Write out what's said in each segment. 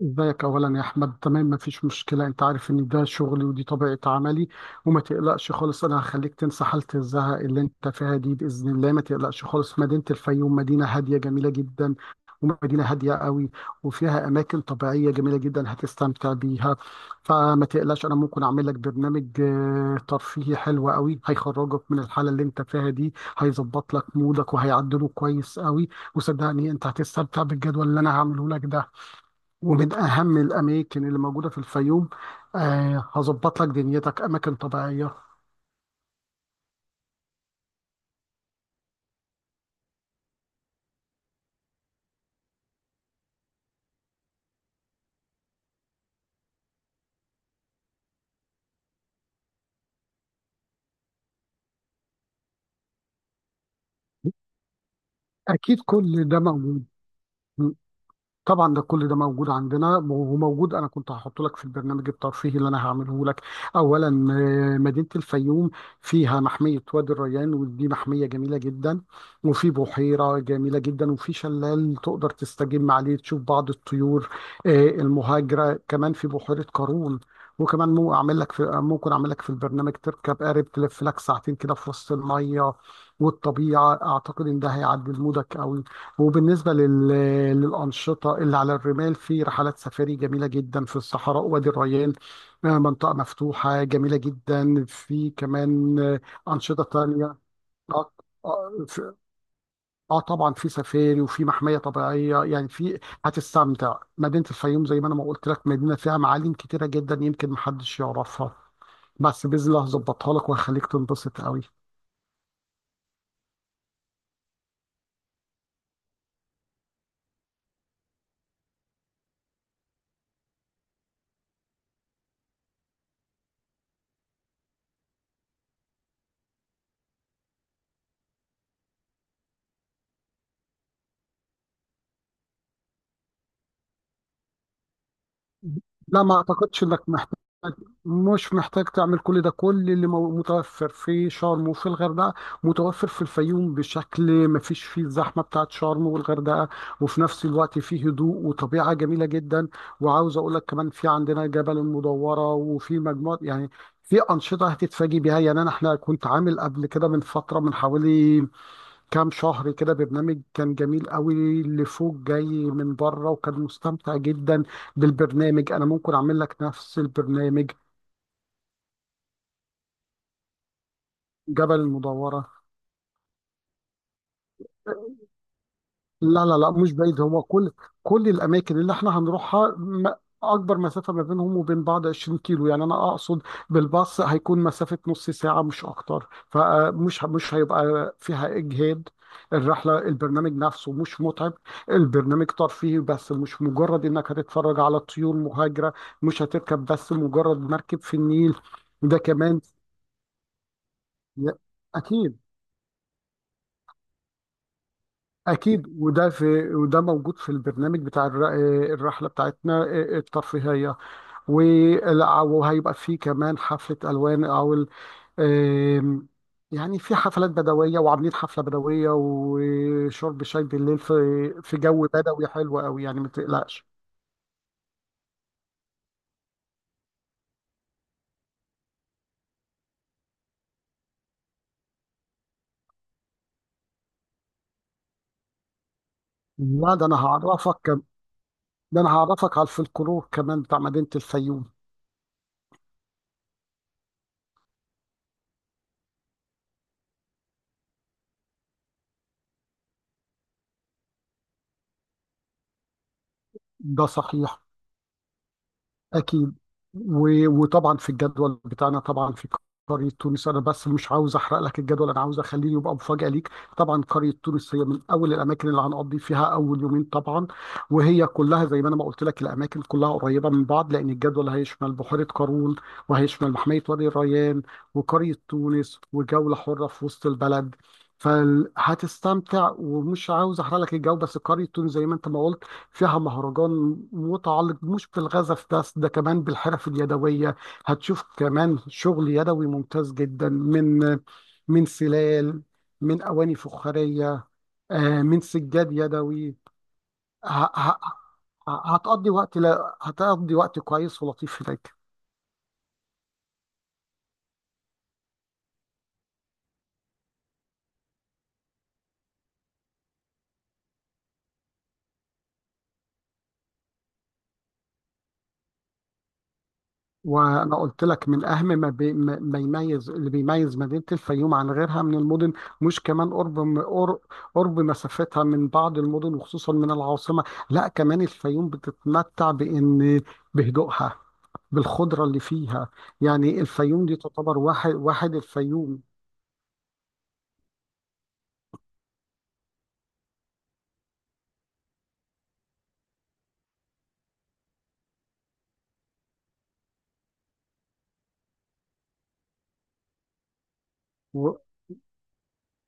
ازيك؟ اولا يا احمد، تمام، مفيش مشكله، انت عارف ان ده شغلي ودي طبيعه عملي. وما تقلقش خالص، انا هخليك تنسى حاله الزهق اللي انت فيها دي باذن الله. ما تقلقش خالص، مدينه الفيوم مدينه هاديه جميله جدا، ومدينه هاديه قوي. وفيها اماكن طبيعيه جميله جدا، هتستمتع بيها. فما تقلقش، انا ممكن اعمل لك برنامج ترفيهي حلو قوي، هيخرجك من الحاله اللي انت فيها دي، هيظبط لك مودك وهيعدله كويس قوي. وصدقني انت هتستمتع بالجدول اللي انا هعمله لك ده. ومن أهم الأماكن اللي موجودة في الفيوم، هظبط لك دنيتك أماكن طبيعية. أكيد كل ده موجود. طبعا ده كل ده موجود عندنا وموجود، انا كنت هحطه لك في البرنامج الترفيهي اللي انا هعمله لك. اولا، مدينه الفيوم فيها محميه وادي الريان، ودي محميه جميله جدا. وفي بحيره جميله جدا، وفي شلال تقدر تستجم عليه، تشوف بعض الطيور المهاجره. كمان في بحيره قارون، وكمان مو اعمل لك في ممكن اعمل لك في البرنامج تركب قارب تلف لك ساعتين كده في وسط الميه والطبيعه. اعتقد ان ده هيعدل مودك قوي. وبالنسبة للأنشطة اللي على الرمال، في رحلات سفاري جميلة جدا في الصحراء وادي الريان. منطقة مفتوحة جميلة جدا. في كمان أنشطة تانية. آه آه، في- طبعا في سفاري، وفي محمية طبيعية، يعني في. هتستمتع. مدينة الفيوم، زي ما أنا ما قلت لك، مدينة فيها معالم كتيرة جدا يمكن محدش يعرفها، بس بإذن الله هظبطها لك وهخليك تنبسط قوي. لا، ما اعتقدش انك مش محتاج تعمل كل ده. كل اللي متوفر في شرم وفي الغردقه متوفر في الفيوم، بشكل ما فيش فيه الزحمه بتاعت شرم والغردقه، وفي نفس الوقت فيه هدوء وطبيعه جميله جدا. وعاوز اقول لك كمان، في عندنا جبل المدوره، وفي مجموعه، يعني في انشطه هتتفاجئ بيها. يعني احنا كنت عامل قبل كده، من فتره، من حوالي كام شهر كده، برنامج كان جميل قوي، اللي فوق جاي من بره وكان مستمتع جدا بالبرنامج. انا ممكن اعمل لك نفس البرنامج. جبل المدورة. لا لا لا، مش بعيد، هو كل الاماكن اللي احنا هنروحها اكبر مسافه ما بينهم وبين بعض 20 كيلو. يعني انا اقصد بالباص، هيكون مسافه نص ساعه مش اكتر، فمش مش هيبقى فيها اجهاد. البرنامج نفسه مش متعب. البرنامج ترفيهي بس، مش مجرد انك هتتفرج على الطيور مهاجره، مش هتركب بس مجرد مركب في النيل. ده كمان. لا، اكيد. أكيد، وده موجود في البرنامج بتاع الرحلة بتاعتنا، الترفيهية. وهيبقى فيه كمان حفلة ألوان، أو ال- آم، يعني في حفلات بدوية، وعاملين حفلة بدوية وشرب شاي بالليل في جو بدوي حلو قوي، يعني ما تقلقش. لا، ده أنا هعرفك على الفلكلور كمان بتاع مدينة الفيوم. ده صحيح. أكيد. وطبعا في الجدول بتاعنا، طبعا في قرية تونس، أنا بس مش عاوز أحرق لك الجدول، أنا عاوز أخليه يبقى مفاجأة ليك. طبعا قرية تونس هي من أول الأماكن اللي هنقضي فيها أول يومين طبعا. وهي كلها، زي ما أنا ما قلت لك، الأماكن كلها قريبة من بعض، لأن الجدول هيشمل بحيرة قارون، وهيشمل محمية وادي الريان، وقرية تونس، وجولة حرة في وسط البلد. فهتستمتع، ومش عاوز احرق لك الجو. بس قرية تونس، زي ما انت ما قلت، فيها مهرجان متعلق مش بالغزف بس، ده كمان بالحرف اليدوية. هتشوف كمان شغل يدوي ممتاز جدا، من سلال، من أواني فخارية، من سجاد يدوي. ه- ه- هتقضي وقت، لا، هتقضي وقت كويس ولطيف هناك. وانا قلت لك، من اهم ما, بي ما ما يميز اللي بيميز مدينه الفيوم عن غيرها من المدن، مش كمان قرب قرب مسافتها من بعض المدن، وخصوصا من العاصمه. لا، كمان الفيوم بتتمتع بهدوءها، بالخضره اللي فيها. يعني الفيوم دي تعتبر واحد الفيوم.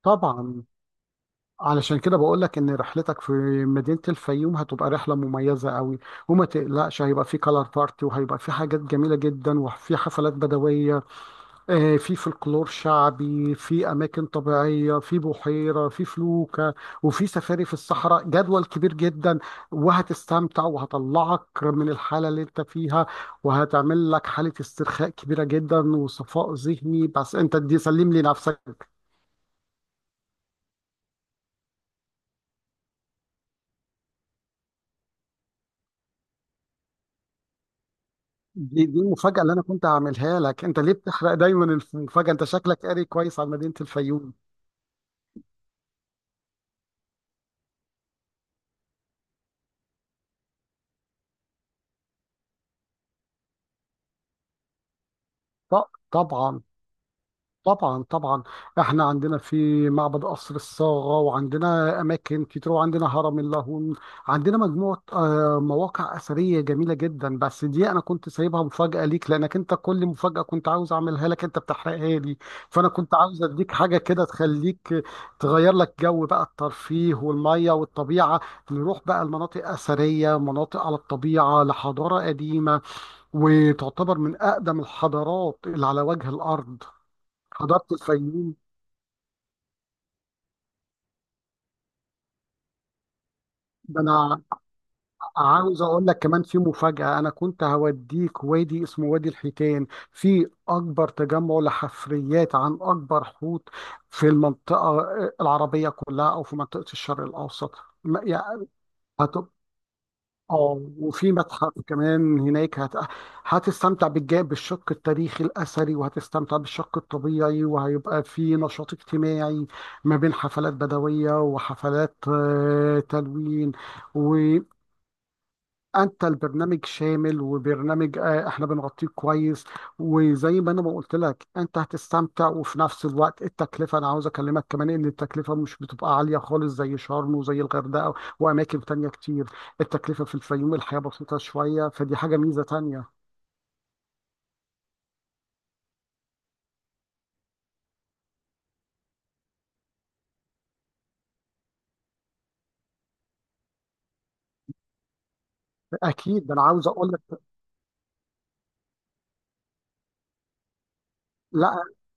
وطبعا علشان كده بقول لك ان رحلتك في مدينه الفيوم هتبقى رحله مميزه قوي. وما تقلقش، هيبقى في كلار بارتي، وهيبقى في حاجات جميله جدا، وفي حفلات بدويه، في فلكلور شعبي، في أماكن طبيعية، في بحيرة، في فلوكة، وفي سفاري في الصحراء. جدول كبير جدا، وهتستمتع، وهطلعك من الحالة اللي انت فيها، وهتعمل لك حالة استرخاء كبيرة جدا وصفاء ذهني، بس انت دي سلم لي نفسك. دي المفاجأة اللي انا كنت هعملها لك، انت ليه بتحرق دايما؟ المفاجأة، انت شكلك قاري كويس عن مدينة الفيوم. طبعا طبعا طبعا، احنا عندنا في معبد قصر الصاغة، وعندنا اماكن كتير، وعندنا هرم اللاهون. عندنا مجموعة مواقع اثرية جميلة جدا، بس دي انا كنت سايبها مفاجأة ليك، لانك انت كل مفاجأة كنت عاوز اعملها لك انت بتحرقها لي. فانا كنت عاوز اديك حاجة كده تخليك تغير لك جو بقى، الترفيه والمية والطبيعة، نروح بقى المناطق اثرية مناطق على الطبيعة لحضارة قديمة، وتعتبر من اقدم الحضارات اللي على وجه الارض. حضرت الفيوم؟ ده انا عاوز اقول لك كمان في مفاجأة، انا كنت هوديك وادي اسمه وادي الحيتان، في اكبر تجمع لحفريات عن اكبر حوت في المنطقة العربية كلها، او في منطقة الشرق الاوسط. ما- يعني، اه وفي متحف كمان هناك، هتستمتع بالشق التاريخي الأثري، وهتستمتع بالشق الطبيعي، وهيبقى في نشاط اجتماعي ما بين حفلات بدوية وحفلات تلوين. انت البرنامج شامل، وبرنامج احنا بنغطيه كويس. وزي ما انا ما قلت لك، انت هتستمتع، وفي نفس الوقت التكلفه، انا عاوز اكلمك كمان ان التكلفه مش بتبقى عاليه خالص زي شرم وزي الغردقه واماكن تانية كتير. التكلفه في الفيوم، الحياه بسيطه شويه، فدي حاجه ميزه تانية. اكيد، ده انا عاوز اقول. لا،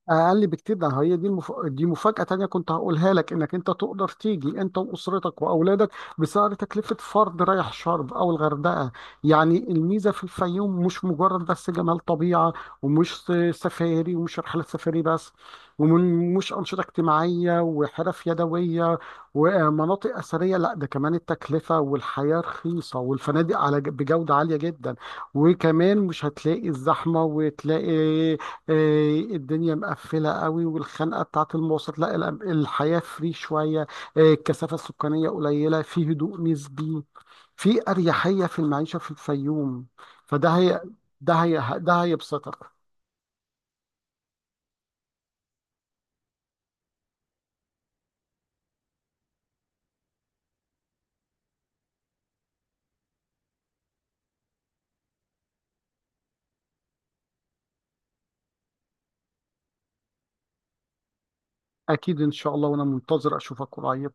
اقل بكتير، ده هي دي مفاجاه تانية كنت هقولها لك، انك انت تقدر تيجي انت واسرتك واولادك بسعر تكلفه فرد رايح شرم او الغردقه. يعني الميزه في الفيوم مش مجرد بس جمال طبيعه، ومش سفاري، ومش رحلات سفاري بس، ومش انشطه اجتماعيه وحرف يدويه ومناطق اثريه، لا، ده كمان التكلفه والحياه رخيصه، والفنادق بجوده عاليه جدا. وكمان مش هتلاقي الزحمه، وتلاقي الدنيا مقفلة قوي والخنقة بتاعت المواصلات، لا الحياة فري شوية. الكثافة السكانية قليلة، في هدوء نسبي، في أريحية في المعيشة في الفيوم. فده هي، ده هيبسطك. أكيد إن شاء الله، وأنا منتظر أشوفك قريب.